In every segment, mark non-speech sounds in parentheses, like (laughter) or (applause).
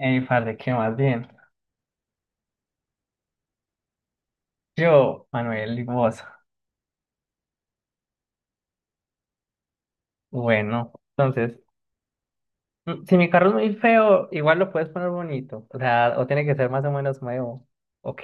Ey, parce, que más bien. Yo, Manuel, ¿y vos? Bueno, entonces, si mi carro es muy feo, ¿igual lo puedes poner bonito? O sea, ¿o tiene que ser más o menos nuevo? Ok,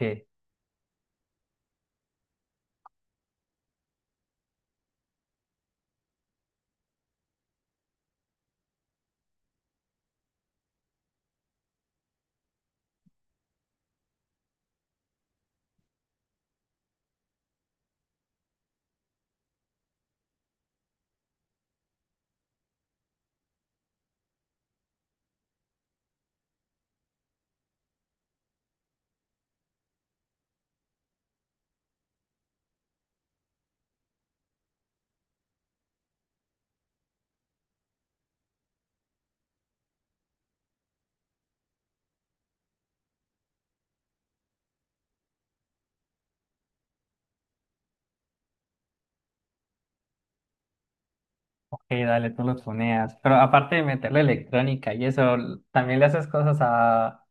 ok, dale, tú lo tuneas. Pero aparte de meterle electrónica y eso, también le haces cosas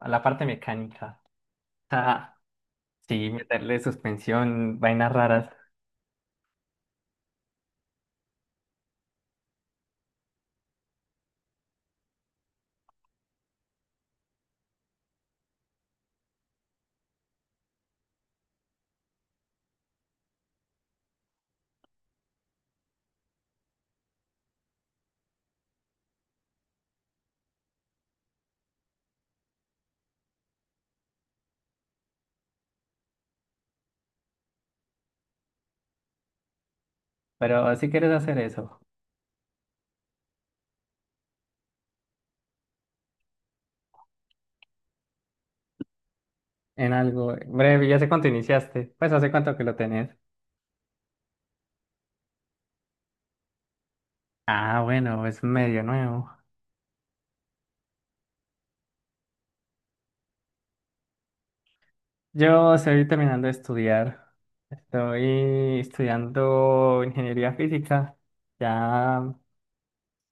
a la parte mecánica. O sea, sí, meterle suspensión, vainas raras. Pero si quieres hacer eso en algo breve, ya sé cuánto iniciaste. Pues, ¿hace cuánto que lo tenés? Ah, bueno, es medio nuevo. Yo estoy terminando de estudiar. Estoy estudiando ingeniería física. Ya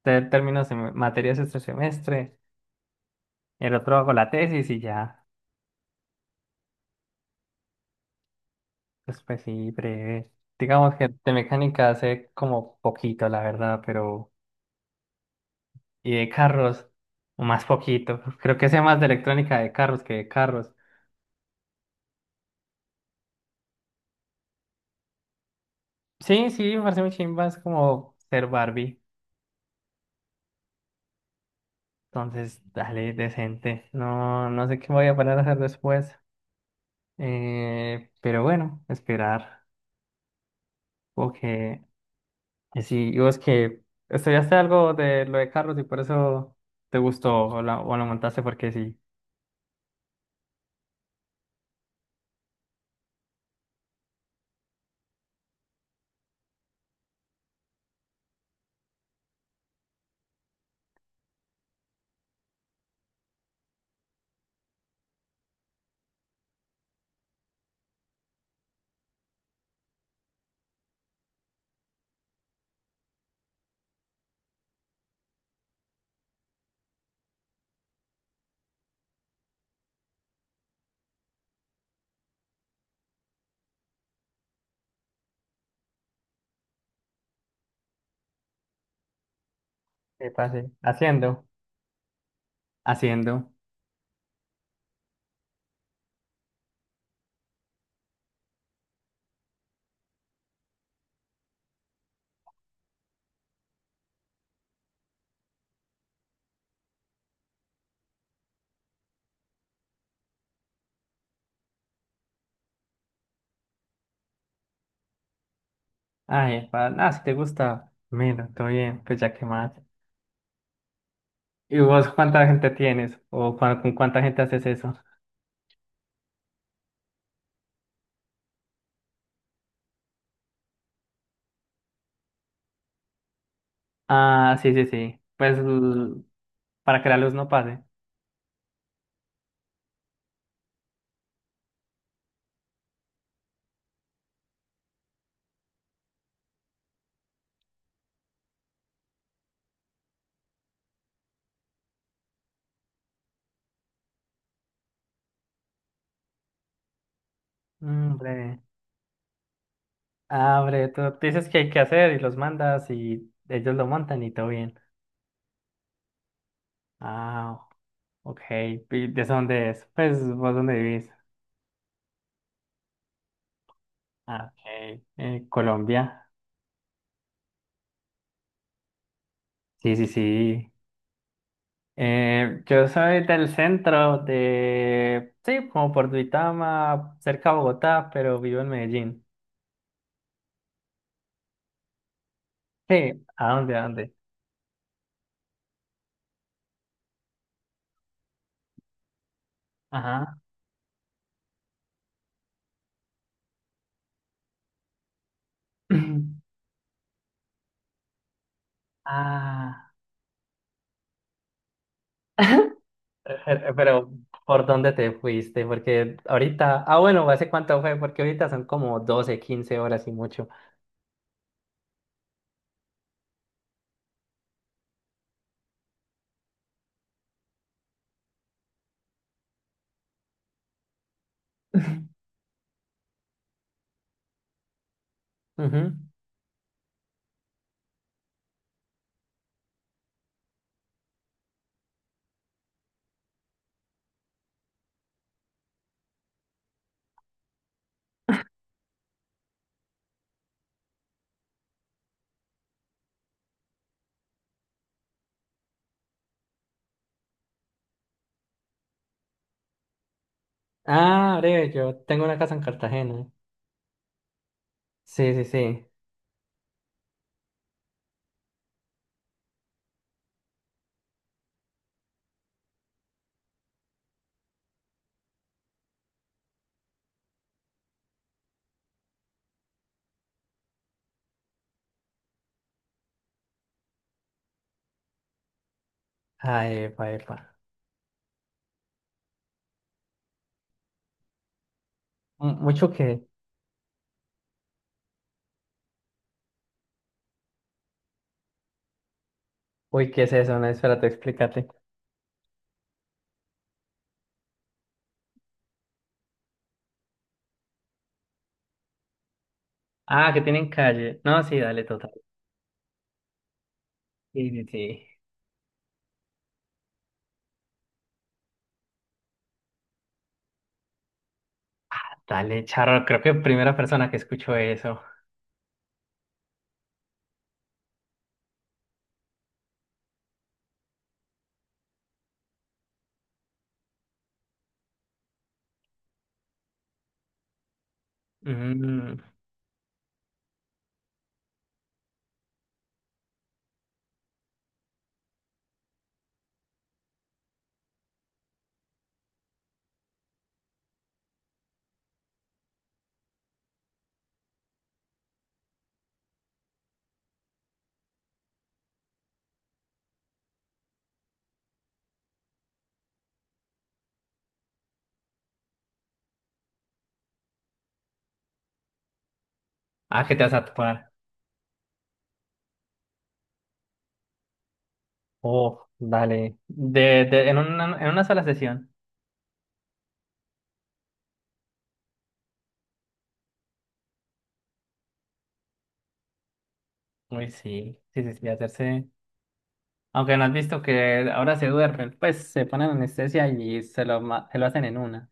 termino materias este semestre. El otro hago la tesis y ya. Pues, pues sí, breve. Digamos que de mecánica hace como poquito, la verdad, pero. Y de carros, más poquito. Creo que sé más de electrónica de carros que de carros. Sí, sí, me parece muy chimba. Es como ser Barbie. Entonces, dale, decente. No, no sé qué voy a parar a hacer después. Pero bueno, esperar. Porque que sí, ¿y vos que estudiaste algo de lo de carros y por eso te gustó o, o lo montaste porque sí? ¿Qué pase? Haciendo. Haciendo. Ay, si te gusta, mira, todo bien, pues ya que más. ¿Y vos cuánta gente tienes? ¿O con cuánta gente haces eso? Ah, sí, sí, sí. Pues para que la luz no pase. Mm, breve. Ah, tú dices que hay que hacer y los mandas y ellos lo montan y todo bien. Ah, ok. ¿Y de dónde es? Pues, ¿vos dónde vivís? Ah, ok. Colombia. Sí, sí, sí. Yo soy del centro de... Sí, como por Duitama, cerca de Bogotá, pero vivo en Medellín. Sí, ¿a dónde, a dónde? Ajá. (clears throat) Ah. (laughs) Pero, ¿por dónde te fuiste? Porque ahorita... Ah, bueno, ¿hace cuánto fue? Porque ahorita son como 12, 15 horas y mucho. (laughs) Ujú. Ah, breve, yo tengo una casa en Cartagena. Sí, sí, sí. Ah, epa, epa. Mm, mucho que. Uy, ¿qué es eso? No, espérate, explícate. Ah, que tienen calle. No, sí, dale, total. Sí, sí, sí. Dale, charro, creo que primera persona que escucho eso. Mm. Ah, que te vas a topar. Oh, dale. ¿En una, en una sola sesión? Uy, sí, sí, sí, sí, hacerse. ¿Aunque no has visto que ahora se duermen, pues se ponen anestesia y se lo, se lo hacen en una?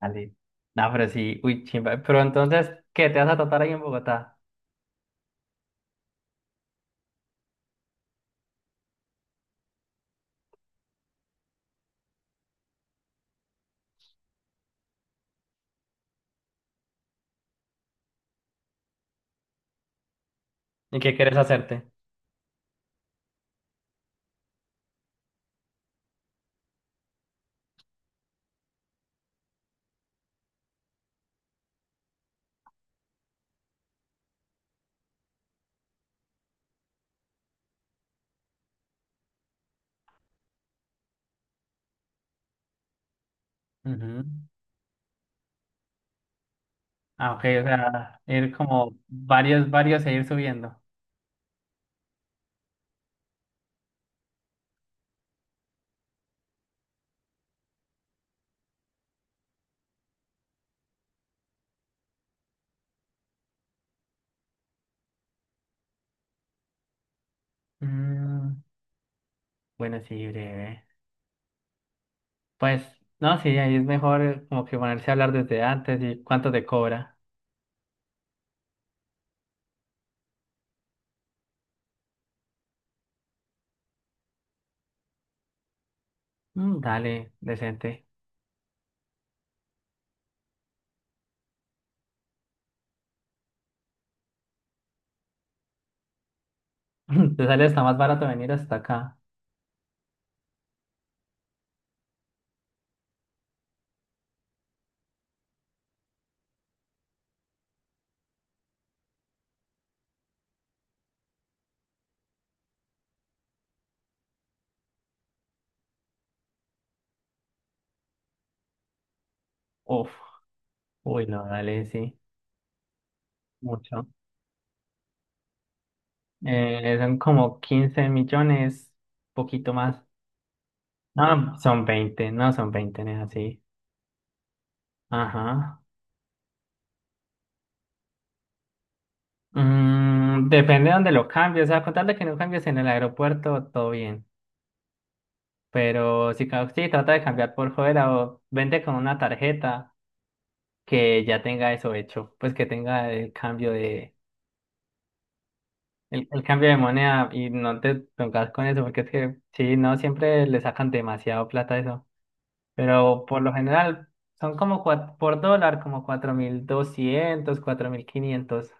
Dale, no, pero sí, uy, chimba. Pero entonces, ¿qué te vas a tratar ahí en Bogotá? ¿Y qué quieres hacerte? Ujú. Ah, ok, o sea, ir como varios, varios e ir subiendo. Mm, bueno, sí, breve. Pues, no, sí, ahí es mejor como que ponerse a hablar desde antes y cuánto te cobra. Mm, dale, decente. (laughs) Te sale hasta más barato venir hasta acá. Uf, uy, no, dale, sí, mucho. Son como 15 millones, poquito más. No, son 20. No, son 20. No, es así. Ajá. Mm, depende de dónde lo cambies. O sea, con tal de que no cambies en el aeropuerto, todo bien. Pero si, si trata de cambiar por fuera o vente con una tarjeta que ya tenga eso hecho, pues que tenga el cambio de moneda y no te pongas con eso, porque es que sí, no siempre le sacan demasiado plata a eso. Pero por lo general son como por dólar, como cuatro, 4.200, 4.500.